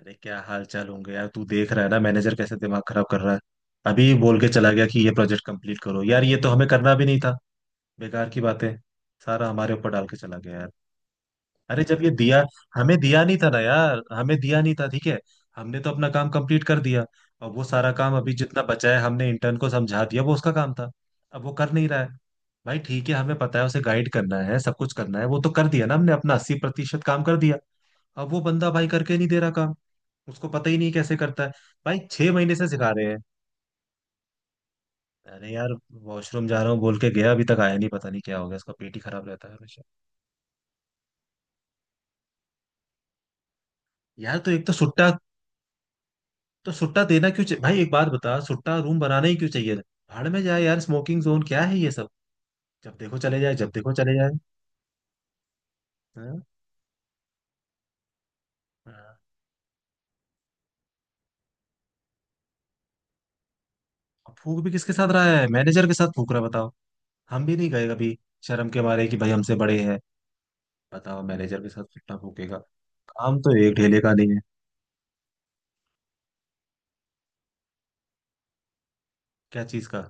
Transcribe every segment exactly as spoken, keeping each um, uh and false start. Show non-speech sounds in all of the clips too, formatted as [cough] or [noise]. अरे क्या हाल चाल होंगे यार। तू देख रहा है ना मैनेजर कैसे दिमाग खराब कर रहा है। अभी बोल के चला गया कि ये प्रोजेक्ट कंप्लीट करो, यार ये तो हमें करना भी नहीं था। बेकार की बातें। सारा हमारे ऊपर डाल के चला गया यार। अरे जब ये दिया, हमें दिया नहीं था ना यार, हमें दिया नहीं था ठीक है। हमने तो अपना काम कंप्लीट कर दिया। और वो सारा काम अभी जितना बचा है हमने इंटर्न को समझा दिया, वो उसका काम था। अब वो कर नहीं रहा है। भाई ठीक है हमें पता है उसे गाइड करना है, सब कुछ करना है, वो तो कर दिया ना हमने। अपना अस्सी प्रतिशत काम कर दिया। अब वो बंदा भाई करके नहीं दे रहा काम। उसको पता ही नहीं कैसे करता है। भाई छह महीने से सिखा रहे हैं। अरे यार, वॉशरूम जा रहा हूँ बोल के गया, अभी तक आया नहीं, पता नहीं क्या हो गया, इसका पेट ही खराब रहता है हमेशा। यार तो एक तो सुट्टा तो सुट्टा देना क्यों चाहिए भाई, एक बात बता। सुट्टा रूम बनाना ही क्यों चाहिए। भाड़ में जाए यार, स्मोकिंग जोन क्या है ये सब। जब देखो चले जाए, जब देखो चले जाए। हाँ? हाँ। अब फूक भी किसके साथ रहा है, मैनेजर के साथ फूक रहा है, बताओ। हम भी नहीं गए कभी, शर्म के मारे कि भाई हमसे बड़े हैं। बताओ, मैनेजर के साथ सुट्टा फूकेगा। काम तो एक ढेले का नहीं है। क्या चीज का।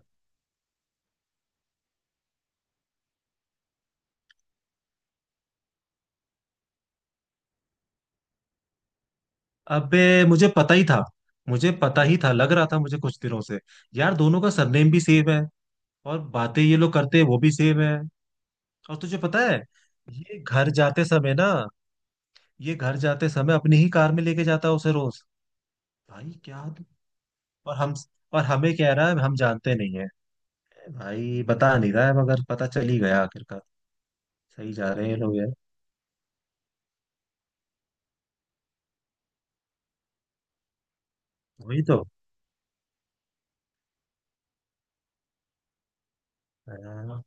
अबे मुझे पता ही था। मुझे पता ही था, लग रहा था मुझे कुछ दिनों से। यार दोनों का सरनेम भी सेम है। और बातें ये लोग करते हैं वो भी सेम है। और तुझे पता है, ये घर जाते समय ना ये घर जाते समय अपनी ही कार में लेके जाता है उसे रोज। भाई क्या आदमी- और हम- और हमें कह रहा है हम जानते नहीं है। भाई बता नहीं रहा है, मगर पता चल ही गया आखिरकार। सही जा रहे हैं ये लोग यार। वही तो। हाँ।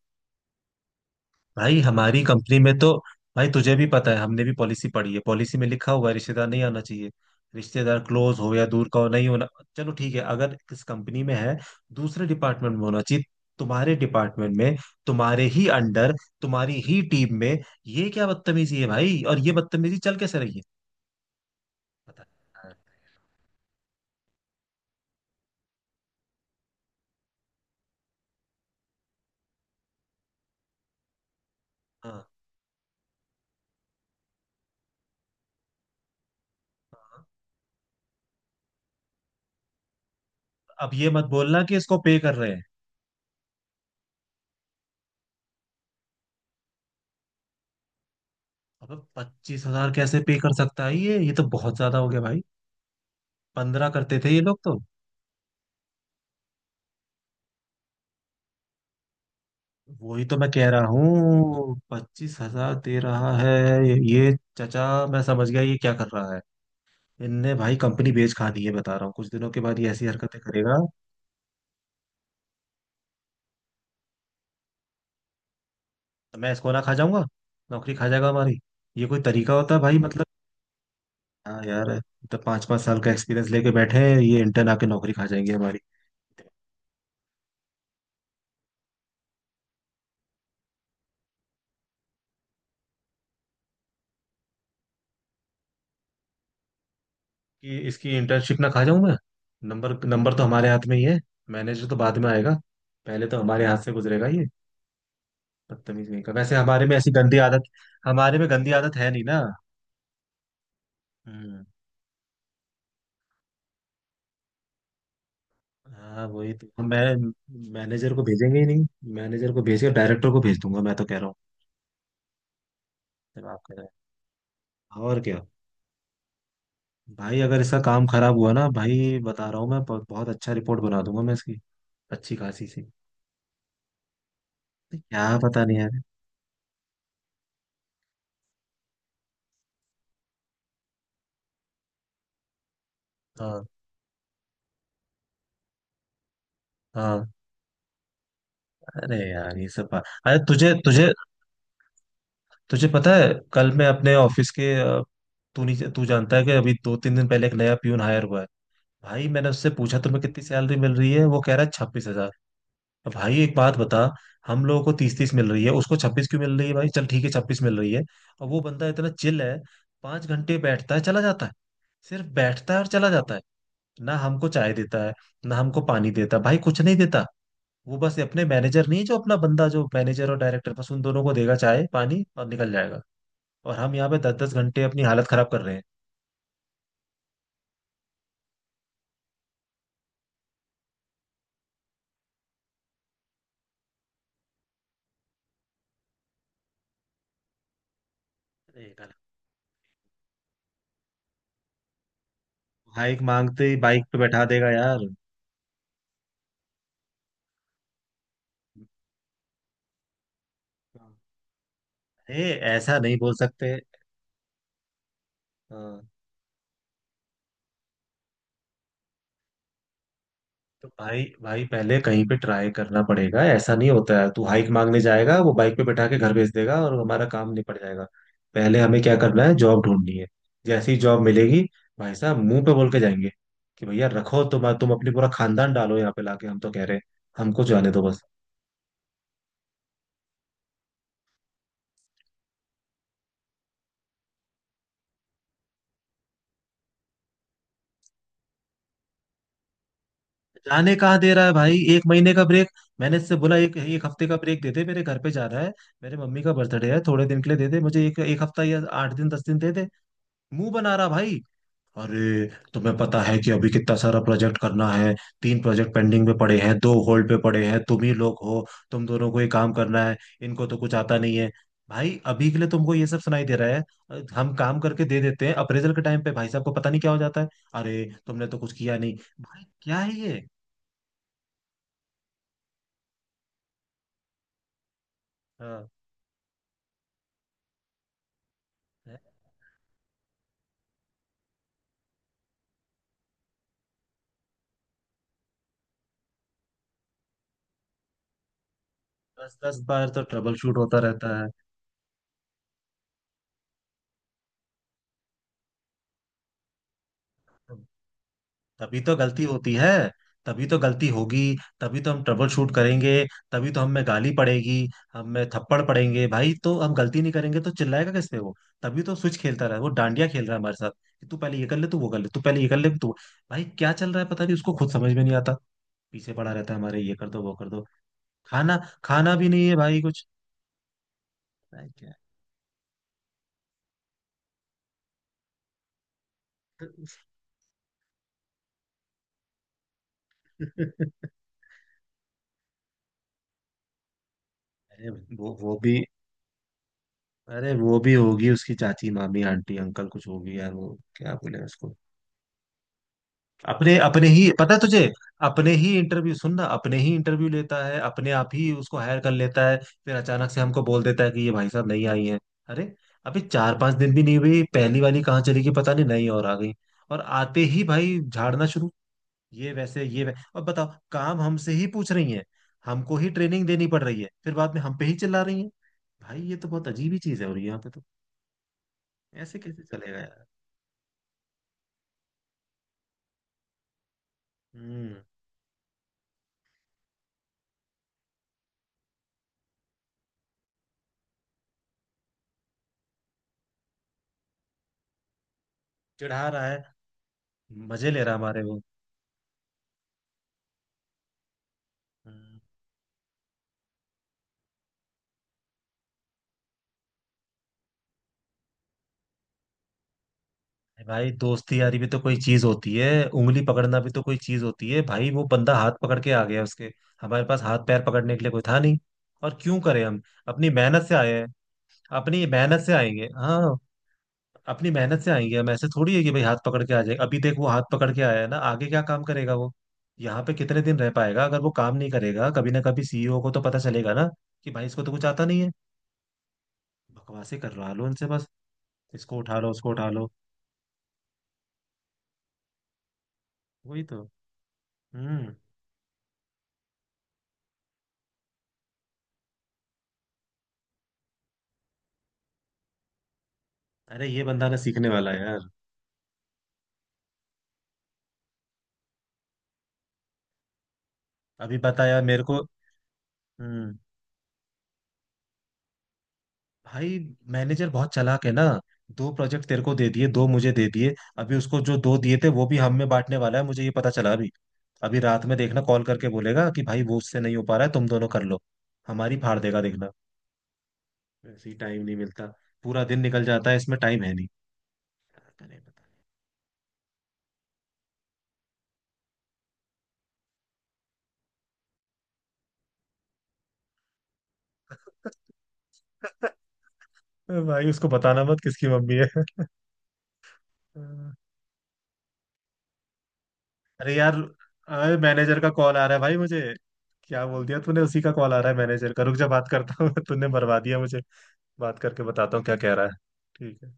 भाई हमारी कंपनी में तो, भाई तुझे भी पता है हमने भी पॉलिसी पढ़ी है। पॉलिसी में लिखा हुआ है रिश्तेदार नहीं आना चाहिए। रिश्तेदार क्लोज हो या दूर का हो, नहीं होना। चलो ठीक है अगर किस कंपनी में है, दूसरे डिपार्टमेंट में होना चाहिए। तुम्हारे डिपार्टमेंट में, तुम्हारे ही अंडर, तुम्हारी ही टीम में, ये क्या बदतमीजी है भाई। और ये बदतमीजी चल कैसे रही है। पता है। हाँ, हाँ। अब ये मत बोलना कि इसको पे कर रहे हैं। अब पच्चीस हजार कैसे पे कर सकता है ये ये तो बहुत ज्यादा हो गया भाई। पंद्रह करते थे ये लोग तो। वही तो मैं कह रहा हूँ पच्चीस हजार दे रहा है ये। चचा। मैं समझ गया ये क्या कर रहा है। इनने भाई कंपनी बेच खा दी है, बता रहा हूँ कुछ दिनों के बाद ये ऐसी हरकतें करेगा। तो मैं इसको ना खा जाऊंगा। नौकरी खा जाएगा हमारी। ये कोई तरीका होता है भाई, मतलब। हाँ यार, तो पांच पांच साल का एक्सपीरियंस लेके बैठे हैं, ये इंटर्न आके नौकरी खा जाएंगे हमारी। कि इसकी इंटर्नशिप ना खा जाऊं मैं। नंबर नंबर तो हमारे हाथ में ही है। मैनेजर तो बाद में आएगा, पहले तो हमारे हाथ से गुजरेगा ये। बदतमीज नहीं कर, वैसे हमारे में ऐसी गंदी आदत, हमारे में गंदी आदत है नहीं ना। हम्म। हाँ वही तो हम- मैं मैनेजर को भेजेंगे ही नहीं। मैनेजर को भेज के डायरेक्टर को भेज दूंगा, मैं तो कह रहा हूँ। जब आप कह रहे हैं, और क्या। भाई अगर इसका काम खराब हुआ ना, भाई बता रहा हूँ मैं, ब- बहुत अच्छा रिपोर्ट बना दूंगा मैं इसकी। अच्छी खासी सी। तो क्या, पता नहीं यार। हाँ। हाँ। अरे यार ये सब बात, अरे तुझे तुझे तुझे पता है, कल मैं अपने ऑफिस के अ, तू नहीं, तू जानता है कि अभी दो तीन दिन पहले एक नया प्यून हायर हुआ है। भाई मैंने उससे पूछा तुम्हें कितनी सैलरी मिल रही है, वो कह रहा है छब्बीस हजार। अब भाई एक बात बता, हम लोगों को तीस तीस मिल रही है, उसको छब्बीस क्यों मिल रही है। भाई चल ठीक है छब्बीस मिल रही है, और वो बंदा इतना चिल है। पांच घंटे बैठता है, चला जाता है। सिर्फ बैठता है और चला जाता है। ना हमको चाय देता है, ना हमको पानी देता है, भाई कुछ नहीं देता। वो बस अपने मैनेजर नहीं है, जो अपना बंदा, जो मैनेजर और डायरेक्टर, बस उन दोनों को देगा चाय पानी और निकल जाएगा। और हम यहाँ पे दस दस घंटे अपनी हालत खराब कर रहे हैं। अरे गलत। भाई मांगते ही बाइक पे बैठा देगा यार। ए, ऐसा नहीं बोल सकते। हाँ तो भाई, भाई पहले कहीं पे ट्राई करना पड़ेगा। ऐसा नहीं होता है तू हाइक मांगने जाएगा, वो बाइक पे बैठा के घर भेज देगा और हमारा काम निपट जाएगा। पहले हमें क्या करना है, जॉब ढूंढनी है। जैसी जॉब मिलेगी, भाई साहब मुंह पे बोल के जाएंगे कि भैया रखो, तुम तुम अपनी पूरा खानदान डालो यहाँ पे लाके, हम तो कह रहे हैं हमको जाने दो बस। जाने कहाँ दे रहा है भाई एक महीने का ब्रेक। मैंने इससे बोला एक एक हफ्ते का ब्रेक दे दे, मेरे घर पे जा रहा है, मेरे मम्मी का बर्थडे है, थोड़े दिन के लिए दे दे मुझे, एक एक हफ्ता या आठ दिन दस दिन दे दे। मुंह बना रहा भाई। अरे तुम्हें पता है कि अभी कितना सारा प्रोजेक्ट करना है। तीन प्रोजेक्ट पेंडिंग में पड़े हैं, दो होल्ड पे पड़े हैं, तुम ही लोग हो, तुम दोनों को ही काम करना है। इनको तो कुछ आता नहीं है। भाई अभी के लिए तुमको ये सब सुनाई दे रहा है। अ, हम काम करके दे देते हैं, अप्रेजल के टाइम पे भाई साहब को पता नहीं क्या हो जाता है। अरे तुमने तो कुछ किया नहीं। भाई क्या है ये। हाँ दस दस बार तो ट्रबल शूट होता रहता है। तभी तो गलती होती है, तभी तो गलती होगी, तभी तो हम ट्रबल शूट करेंगे, तभी तो हमें गाली पड़ेगी, हमें थप्पड़ पड़ेंगे भाई। तो हम गलती नहीं करेंगे तो चिल्लाएगा किस पे वो। तभी तो स्विच खेलता रहा है, वो डांडिया खेल रहा है हमारे साथ, कि तू पहले ये कर ले, तू वो कर ले, तू पहले ये कर ले तू। भाई क्या चल रहा है पता नहीं, उसको खुद समझ में नहीं आता। पीछे पड़ा रहता है हमारे, ये कर दो वो कर दो। खाना, खाना भी नहीं है भाई कुछ। भाई क्या [laughs] हम्म। अरे वो वो भी अरे वो भी होगी उसकी चाची मामी आंटी अंकल कुछ होगी यार, वो क्या बोले उसको। अपने अपने ही पता है तुझे, अपने ही इंटरव्यू सुन ना, अपने ही इंटरव्यू लेता है, अपने आप ही उसको हायर कर लेता है, फिर अचानक से हमको बोल देता है कि ये भाई साहब नहीं आई हैं। अरे अभी चार पांच दिन भी नहीं हुई, पहली वाली कहाँ चली गई पता नहीं, नई और आ गई। और आते ही भाई झाड़ना शुरू। ये वैसे ये वै... और बताओ, काम हमसे ही पूछ रही है, हमको ही ट्रेनिंग देनी पड़ रही है, फिर बाद में हम पे ही चिल्ला रही है। भाई ये तो बहुत अजीब ही चीज है। और यहाँ पे तो ऐसे कैसे चलेगा यार। हम्म। चिढ़ा रहा है, मजे ले रहा है हमारे वो। हम्म। अरे भाई दोस्ती यारी भी तो कोई चीज होती है। उंगली पकड़ना भी तो कोई चीज होती है भाई। वो बंदा हाथ पकड़ के आ गया, उसके हमारे पास हाथ पैर पकड़ने के लिए कोई था नहीं। और क्यों करें हम, अपनी मेहनत से आए हैं, अपनी मेहनत से आएंगे। हाँ, अपनी मेहनत से आएंगे हम। ऐसे थोड़ी है कि भाई हाथ पकड़ के आ जाए। अभी देख वो हाथ पकड़ के आया है ना, आगे क्या काम करेगा वो, यहाँ पे कितने दिन रह पाएगा। अगर वो काम नहीं करेगा कभी ना कभी सीईओ को तो पता चलेगा ना, कि भाई इसको तो कुछ आता नहीं है। बकवासे करवा लो उनसे बस। इसको उठा लो, उसको उठा लो। वही तो। हम्म। अरे ये बंदा ना सीखने वाला है यार। अभी पता है यार मेरे को। हम्म। भाई मैनेजर बहुत चालाक है ना। दो प्रोजेक्ट तेरे को दे दिए, दो मुझे दे दिए, अभी उसको जो दो दिए थे वो भी हम में बांटने वाला है, मुझे ये पता चला अभी। अभी रात में देखना कॉल करके बोलेगा कि भाई वो उससे नहीं हो पा रहा है, तुम दोनों कर लो। हमारी फाड़ देगा देखना। वैसे ही टाइम नहीं मिलता, पूरा दिन निकल जाता है, इसमें टाइम है नहीं। क्या करें, पता नहीं। [laughs] भाई उसको बताना मत किसकी मम्मी है। अरे यार, अरे मैनेजर का कॉल आ रहा है भाई मुझे। क्या बोल दिया तूने, उसी का कॉल आ रहा है मैनेजर का, रुक जा बात करता हूँ। [laughs] तूने मरवा दिया मुझे। बात करके बताता हूँ क्या कह रहा है। ठीक है।